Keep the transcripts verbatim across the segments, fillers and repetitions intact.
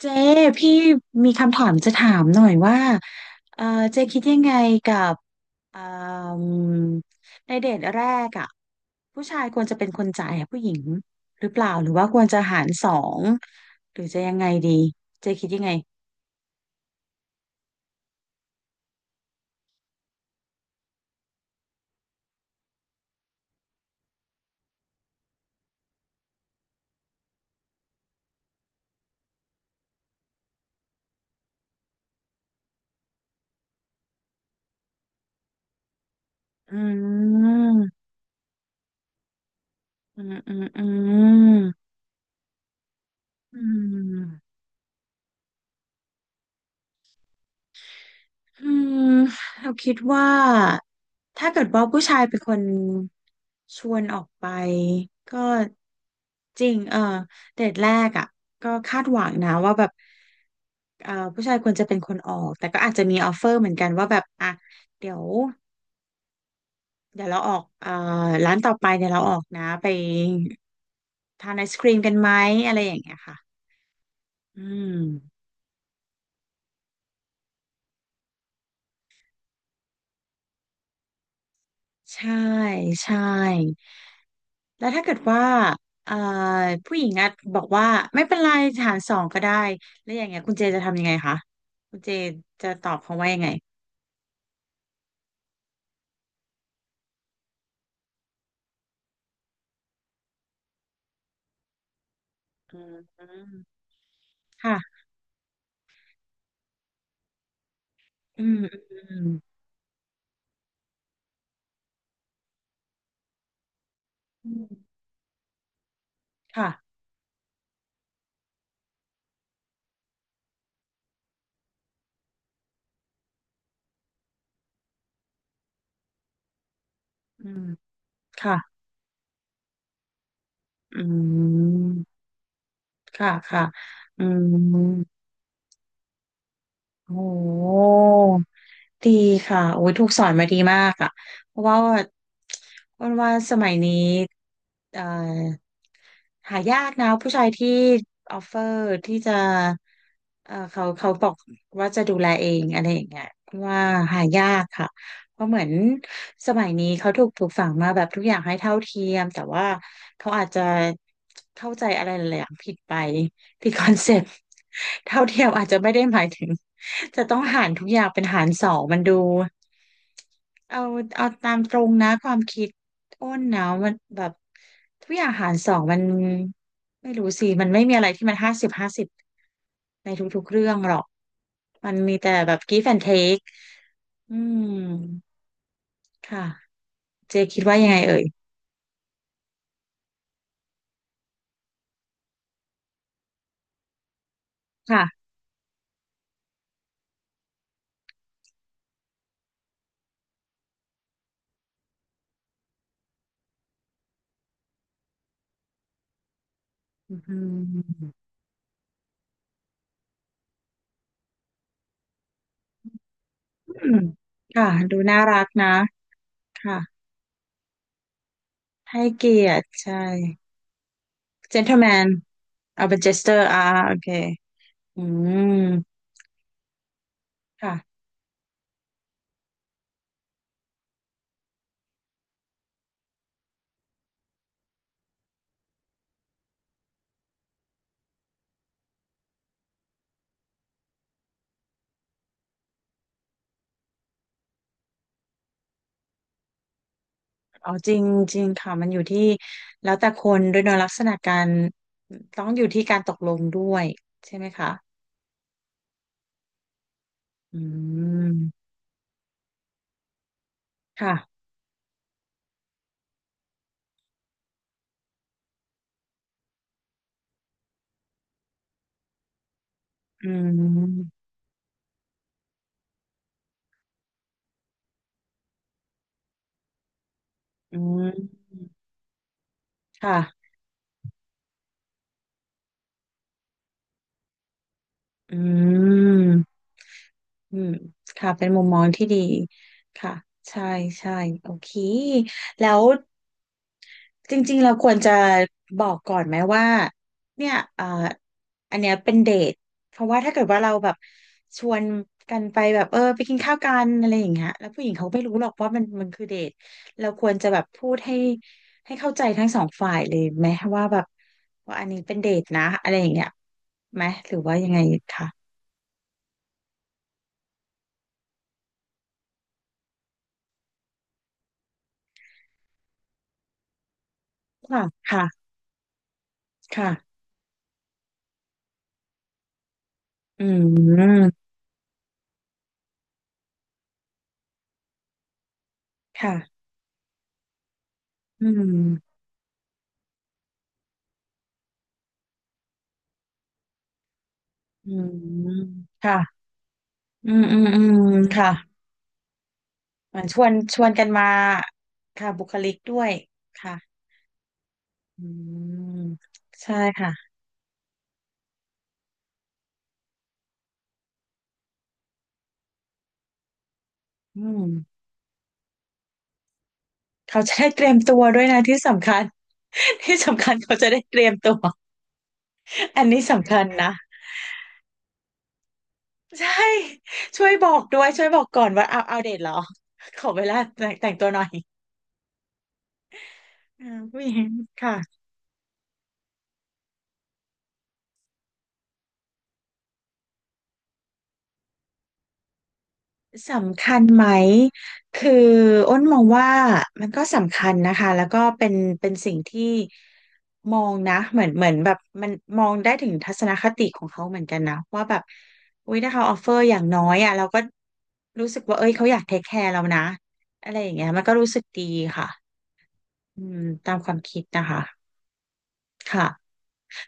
เจ๊พี่มีคำถามจะถามหน่อยว่าเออเจ๊คิดยังไงกับเอ่มในเดทแรกอ่ะผู้ชายควรจะเป็นคนจ่ายให้ผู้หญิงหรือเปล่าหรือว่าควรจะหารสองหรือจะยังไงดีเจ๊คิดยังไงอืมอืมอืมอืมอืม อืมเราคิดว่าถ้าเกิดว่าผู้ชายเป็นคนชวนออกไปก็จริงเออเดทแรกอ่ะก็คาดหวังนะว่าแบบเอ่อผู้ชายควรจะเป็นคนออกแต่ก็อาจจะมีออฟเฟอร์เหมือนกันว่าแบบอ่ะเดี๋ยวเดี๋ยวเราออกเอ่อร้านต่อไปเดี๋ยวเราออกนะไปทานไอศครีมกันไหมอะไรอย่างเงี้ยค่ะอืมใช่ใช่ แล้วถ้าเกิดว่าเอ่อผู้หญิงอ่ะบอกว่าไม่เป็นไรหารสองก็ได้แล้วอย่างเงี้ยคุณเจจะทำยังไงคะคุณเจจะตอบเขาว่ายังไงอืมค่ะอืมอืมอืมค่ะอืมค่ะอืมค่ะค่ะอืมโอ้ ดีค่ะโอ้ยถูกสอนมาดีมากอ่ะเพราะว่าอ้วาว่าสมัยนี้เอ่อหายากนะผู้ชายที่ออฟเฟอร์ที่จะเอ่อเขาเขาบอกว่าจะดูแลเองอะไรอย่างเงี้ยเพราะว่าหายากค่ะเพราะเหมือนสมัยนี้เขาถูกปลูกฝังมาแบบทุกอย่างให้เท่าเทียมแต่ว่าเขาอาจจะเข้าใจอะไรหลายๆอย่างผิดไปที่คอนเซ็ปต์เท่าเทียมอาจจะไม่ได้หมายถึง จะต้องหารทุกอย่างเป็นหารสองมันดูเอาเอาตามตรงนะความคิดอ้นนะมันแบบทุกอย่างหารสองมันไม่รู้สิมันไม่มีอะไรที่มันห้าสิบห้าสิบในทุกๆเรื่องหรอกมันมีแต่แบบ give and take อืมค่ะเจคิดว่ายังไงเอ่ยค่ะอืมอืมค่ะดูน่ารักนะค่ะให้เกียรติใช่ gentleman เอาเป็น jester อ่าโอเคอืมค่ะ อ๋อจริงจริงค่ะมันอยู่ที่แล้วแต่คนด้วยเนอะลักษณะการต้องอยู่ที่การตกลงด้วยใช่ไหมคะอืมค่ะอืมอืมค่ะอืมอืมค่ะเป็นมุมมองที่ดีค่ะใช่ใช่โอเคแล้ว จริงๆเราควรจะบอกก่อนไหมว่าเนี่ยเอ่ออันเนี้ยเป็นเดทเพราะว่าถ้าเกิดว่าเราแบบชวนกันไปแบบเออไปกินข้าวกันอะไรอย่างเงี้ยแล้วผู้หญิงเขาไม่รู้หรอกว่ามันมันคือเดทเราควรจะแบบพูดให้ให้เข้าใจทั้งสองฝ่ายเลยไหมว่าแบบว่าอันนี้เป็นเดทนะอะไรอย่างเงี้ยไหมหรือว่ายังไงคะค่ะค่ะค่ะอืมค่ะอืมอืมค่ะอืมอืมอืมค่ะ เหมือนชวนชวนกันมาค่ะบุคลิกด้วยค่ะอืมใช่ค่ะอืมเขาจะได้เตรียมตัวด้วยนะที่สำคัญ ที่สำคัญเขาจะได้เตรียมตัวอันนี้สำคัญนะใช่ช่วยบอกด้วยช่วยบอกก่อนว่าเอาเอาเดทเหรอขอเวลาแต่งแต่งตัวหน่อยอ่าผู้หญิงค่ะ สำคัญไหมคืออ้นมองว่ามันก็สำคัญนะคะแล้วก็เป็นเป็นสิ่งที่มองนะเหมือนเหมือนแบบมันมองได้ถึงทัศนคติของเขาเหมือนกันนะว่าแบบอุ๊ยถ้าเขาออฟเฟอร์อย่างน้อยอ่ะเราก็รู้สึกว่าเอ้ยเขาอยากเทคแคร์เรานะอะไรอย่างเงี้ยมันก็รู้สึกดีค่ะอืมตามความคิดนะคะ ค่ะ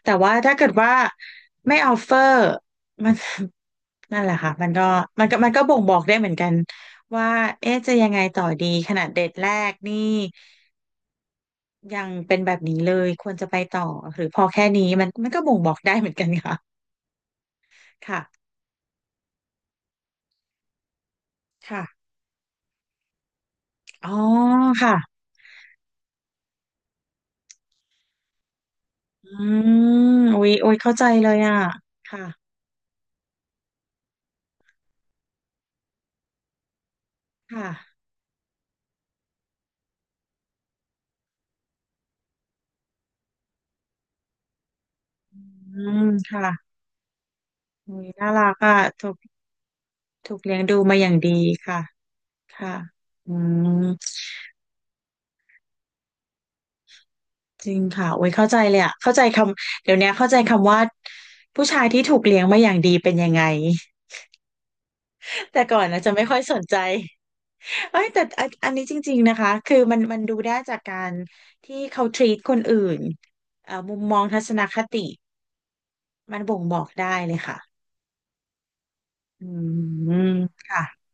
แต่ว่าถ้าเกิดว่าไม่ออฟเฟอร์มัน นั่นแหละค่ะมันก็มันก็มันก็บ่งบอกได้เหมือนกันว่าเอ๊ะจะยังไงต่อดีขนาดเดทแรกนี่ยังเป็นแบบนี้เลยควรจะไปต่อหรือพอแค่นี้มันมันก็บ่งบอกได้เหมือนกันค่ะค่ะค่ะอ๋อค่ะอืมอุ๊ยอุ๊ยเข้าใจเลยอ่ะค่ะค่ะอืมค่ะอุ๊ยน่ารักอ่ะถูกถูกเลี้ยงดูมาอย่างดีค่ะค่ะอืม จริงค่ะโอ้ยเข้าใจเลยอะเข้าใจคำเดี๋ยวนี้เข้าใจคำว่าผู้ชายที่ถูกเลี้ยงมาอย่างดีเป็นยังไง แต่ก่อนนะจะไม่ค่อยสนใจเอ้ยแต่อันอันนี้จริงๆนะคะคือมันมันดูได้จากการที่เขา treat คนอื่นเอ่อมุมมองทัศนคติมันบ่งบอกได้เลยค่ะอืมค่ะ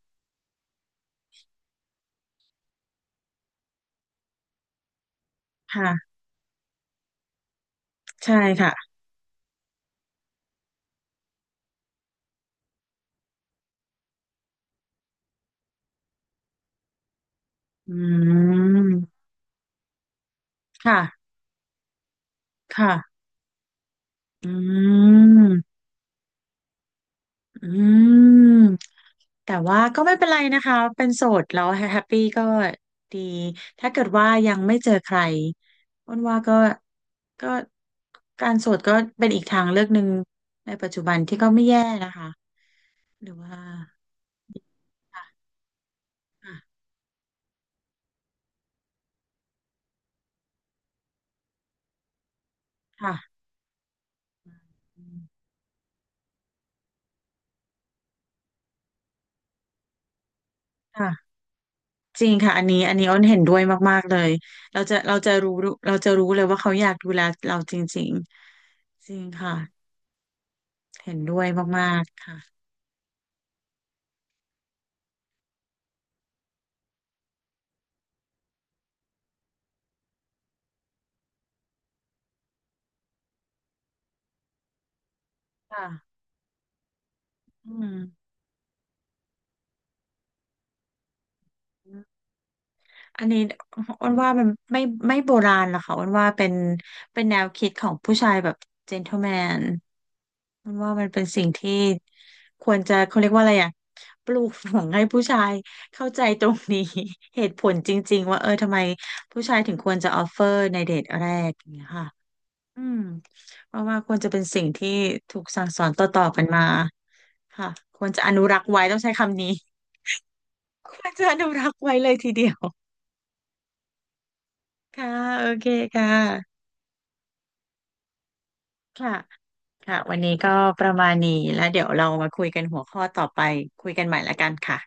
ค่ะใช่ค่ะอืมค่ะค่ะอืม อืมแต่ว่าก็ไม่เป็นไรนะคะเป็นโสดแล้วแฮปปี้ก็ดีถ้าเกิดว่ายังไม่เจอใครอ้วนว่าก็ก็การโสดก็เป็นอีกทางเลือกหนึ่งในปัจจุบันที่ก็ไม่แย่นะคะหรือว่าค่ะค่ะค่ะอืมค่ะจริงค่ะอันนี้อันนี้อ้นเห็นด้วยมากๆเลยเราจะเราจะรู้เราจะรู้เลยว่าเขาอยากดูแลเราจริงๆจริงค่ะเห็นด้วยมากๆค่ะค่ะอืม อันนี้อ้วนว่ามันไม่ไม่โบราณหรอกค่ะอ้วนว่าเป็นเป็นแนวคิดของผู้ชายแบบเจน t l e m แมนอ้วนว่ามันเป็นสิ่งที่ควรจะเขาเรียกว่าอะไรอ่ะปลูกฝังให้ผู้ชายเข้าใจตรงนี้ เหตุผลจริงๆว่าเออทำไมผู้ชายถึงควรจะออฟเฟอร์ในเดทแรกอย่างเงี้ยค่ะอืมเพราะว่าควรจะเป็นสิ่งที่ถูกสั่งสอนต่อๆกันมาค่ะควรจะอนุรักษ์ไว้ต้องใช้คำนี้ ควรจะอนุรักษ์ไว้เลยทีเดียว ค่ะโอเคค่ะค่ะค่ะวันนี้ก็ประมาณนี้แล้วเดี๋ยวเรามาคุยกันหัวข้อต่อไปคุยกันใหม่ละกันค่ะ